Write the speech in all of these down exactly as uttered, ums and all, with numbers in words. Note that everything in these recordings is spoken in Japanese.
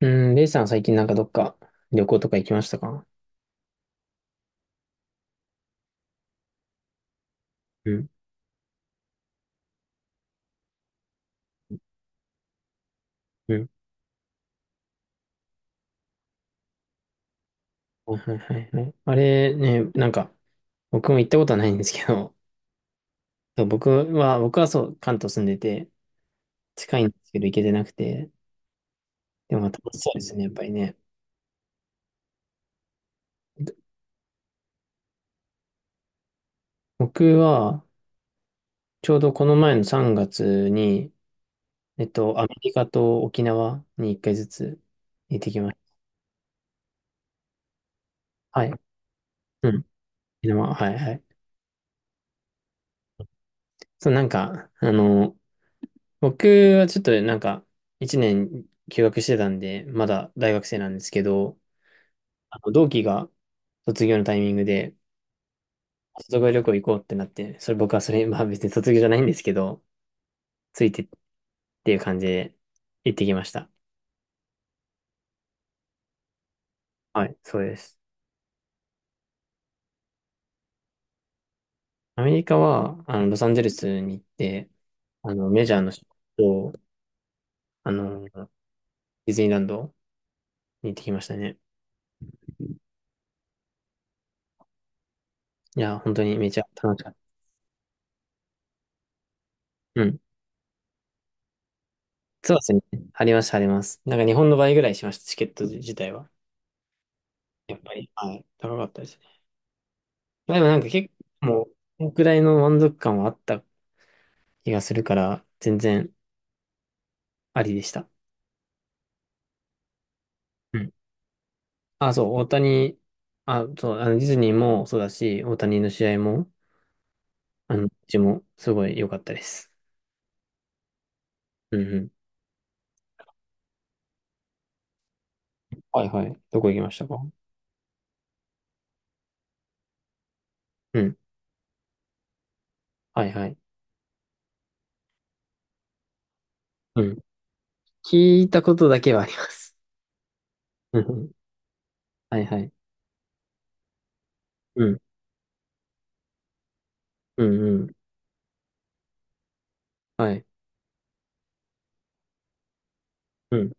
うん、レイさん最近なんかどっか旅行とか行きましたか？うん、うん、はいはいはいはい。あれね、なんか僕も行ったことはないんですけど、そう僕は、僕はそう、関東住んでて近いんですけど行けてなくて、でもまあ楽しそうですね、やっぱりね。僕はちょうどこの前のさんがつに、えっと、アメリカと沖縄にいっかいずつ行ってきました。はい。うん。沖縄、はいはい。そう、なんか、あの、僕はちょっとなんか、いちねん休学してたんで、まだ大学生なんですけど、あの同期が卒業のタイミングで、卒業旅行行こうってなって、それ僕はそれ、まあ別に卒業じゃないんですけど、ついてっていう感じで行ってきました。はい、そうです。アメリカは、あの、ロサンゼルスに行って、あの、メジャーの人と、あの、ディズニーランドに行ってきましたね。いや、本当にめちゃ楽しかった。うん。そうですね。あります、あります。なんか日本の倍ぐらいしました、チケット自体は。やっぱり、はい、高かったですね。まあ、でもなんか結構、もう、このくらいの満足感はあった気がするから、全然ありでした。うん。あ、そう、大谷、あ、そう、あの、ディズニーもそうだし、大谷の試合も、あの、うちもすごい良かったです。うんうん。はいはい。どこ行きましたか？うん。はいはい。うん。聞いたことだけはあります。うんうん。はいはい。うん。うんうん。はい。うん。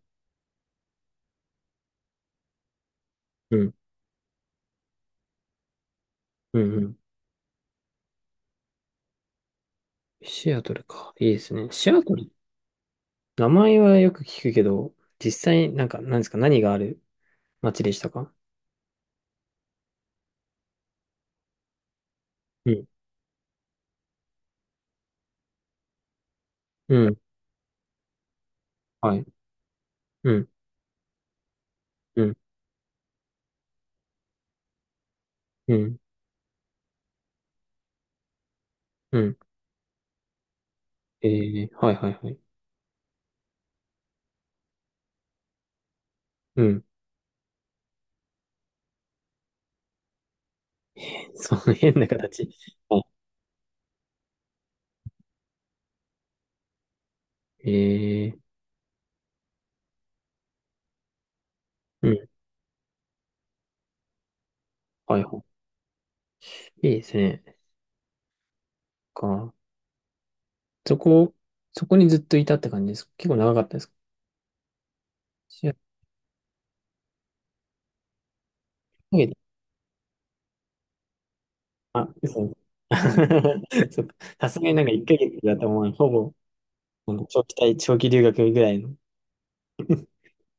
うん。うんうんシアトルか。いいですね。シアトル、名前はよく聞くけど、実際、なんか、なんですか、何がある街でしたかうんうん。はい。うん。うん。うん。うん。えー、はいはいはい。うん。その変な形。はい。えー、うん。はいはい。いいですね。か。そこ、そこにずっといたって感じですか？結構長かったですか？シアトル。あ、嘘。そっか。さすがになんかいっかげつだと思う。ほぼ、なんか長期滞長期留学ぐらいの。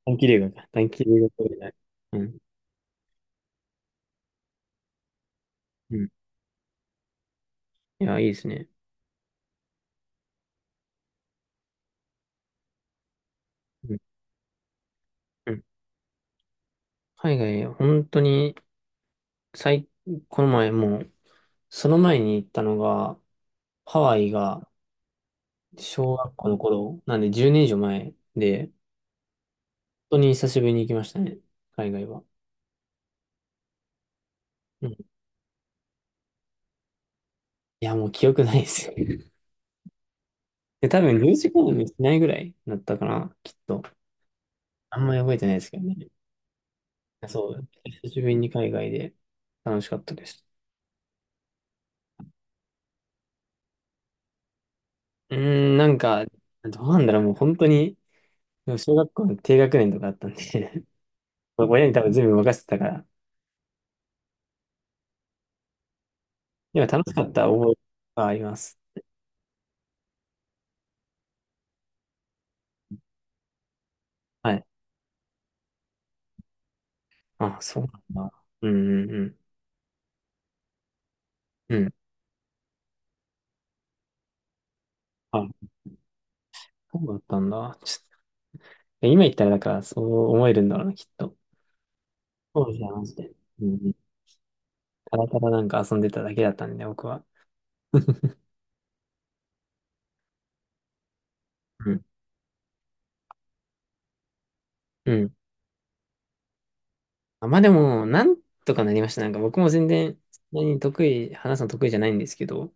短期留学か。短期留学みたいな。うん。うん。いや、いいですね。うん。うん。海外、本当に、最、この前もう、その前に行ったのが、ハワイが小学校の頃、なんでじゅうねん以上前で、本当に久しぶりに行きましたね。海外は。うん。いや、もう記憶ないですよ。で、多分じゅうじかんもしないぐらいだったかな、きっと。あんまり覚えてないですけどね。そう。久しぶりに海外で楽しかったです。うーん、なんか、どうなんだろう、もう本当に、でも小学校の低学年とかだったんで 親に多分全部任せてたから、でも楽しかった覚えがあります。はい。あ、そうなんだ。うんうんうん。うん。あ、そうだったんだ。ちょっと今言ったら、だから、そう思えるんだろうな、きっと。そうですね、マジで。うん。ただただなんか遊んでただけだったんで、僕は。うん。うん。あ、まあでも、なんとかなりました。なんか僕も全然、そんなに得意、話すの得意じゃないんですけど、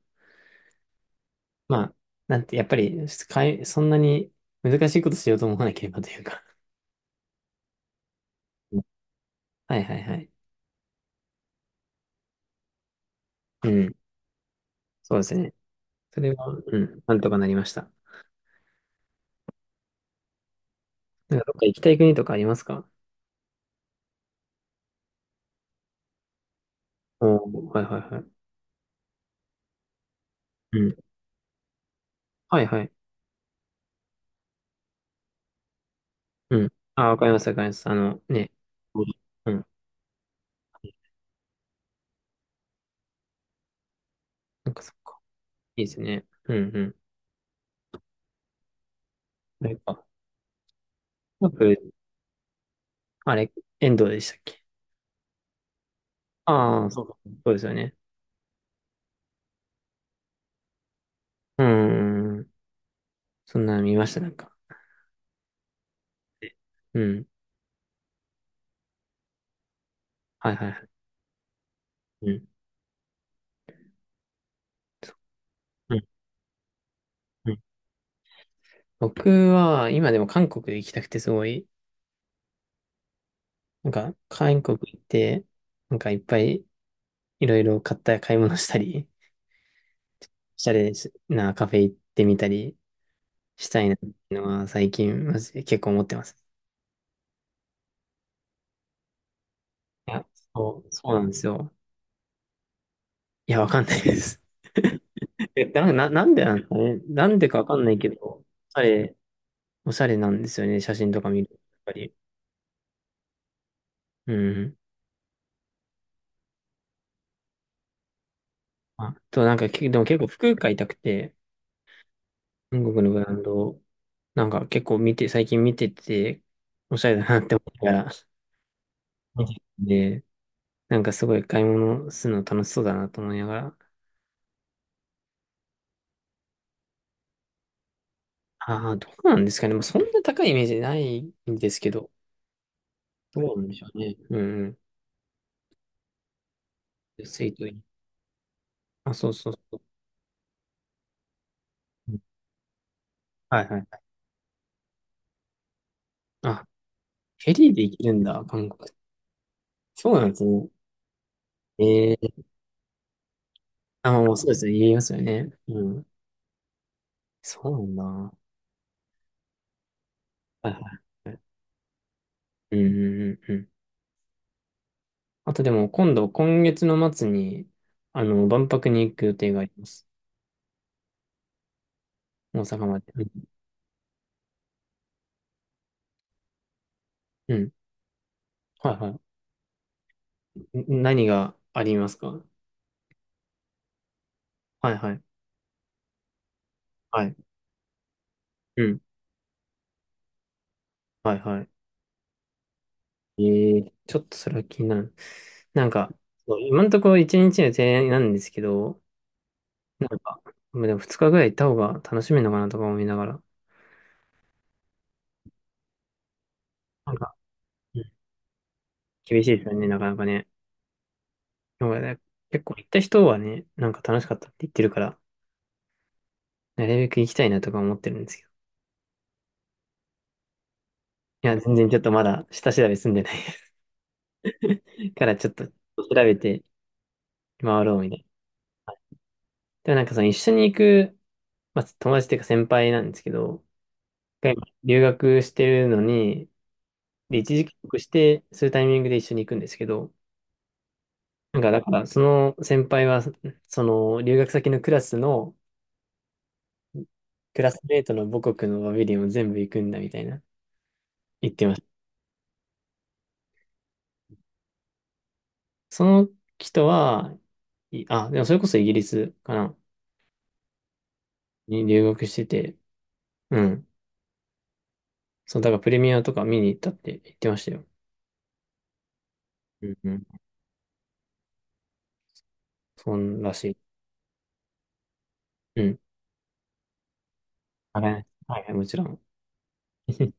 まあ、なんて、やっぱり、かいそんなに難しいことしようと思わなければというか。うん。はいはいはい。うん。そうですね。それは、うん、なんとかなりました。なんかどっか行きたい国とかありますか？おおー、はいはいはい。うん。はいはい。うん。あ、わかりますわかります。あの、ね。うん。なんかそっか。いいですね。うんうん。あれか。やっぱあれ、遠藤でしたっけ？ああー、そうか。そうですよね。うーん。そんなの見ました、なんか。うん。はいはいはい。うん。うん。うん。僕は、今でも韓国行きたくてすごい、なんか、韓国行って、なんかいっぱいいろいろ買った買い物したり、おしゃれなカフェ行ってみたりしたいなっていうのは最近、マジで結構思ってます。いや、そう、そうなんですよ。いや、わかんないです。え、な、な、なんでなんですかね。なんでかわかんないけど、おしゃれ、おしゃれなんですよね。写真とか見ると。やっぱり。うん。あと、なんか、けでも結構服買いたくて、韓国のブランド、なんか結構見て、最近見てて、おしゃれだなって思ったら、見ててなんかすごい買い物するの楽しそうだなと思いながら、ああ、どうなんですかね。まあ、そんな高いイメージないんですけど、どうなんでしょうね。うんうん。安いといい。あ、そうそうそう。うん。はいはい。あ、フェリーで行けるんだ、韓国。そうなんですね。ええー、あ、もうそうですね。言いますよね。うん。そうなんだ。はいはいはい。うんうんうんうん。あとでも今度、今月の末に、あの、万博に行く予定があります。大阪まで。うん。うん。はいはい。ん何がありますか？はいはい。はい。うん。はいはい。えー、ちょっとそれは気になる。なんか、そう今のところいちにちの提案なんですけど、なんか、まあでもふつかぐらい行った方が楽しめるのかなとか思いながら。なんか、うん。厳しいですよね、なかなかね。でもね結構行った人はね、なんか楽しかったって言ってるから、なるべく行きたいなとか思ってるんですけど、いや、全然ちょっとまだ下調べ済んでない からちょっと調べて回ろうみたいな。でもなんかその一緒に行く、まあ、友達っていうか先輩なんですけど、が今留学してるのに、で、一時帰国して、そういうタイミングで一緒に行くんですけど、なんかだからその先輩は、その留学先のクラスの、クラスメートの母国のバビリオンを全部行くんだみたいな言ってました。その人は、いあ、でもそれこそイギリスかな、に留学してて、うん。そう、だからプレミアとか見に行ったって言ってましたよ。うんうん。そんらしい。うん。あれ、はいはい、もちろん。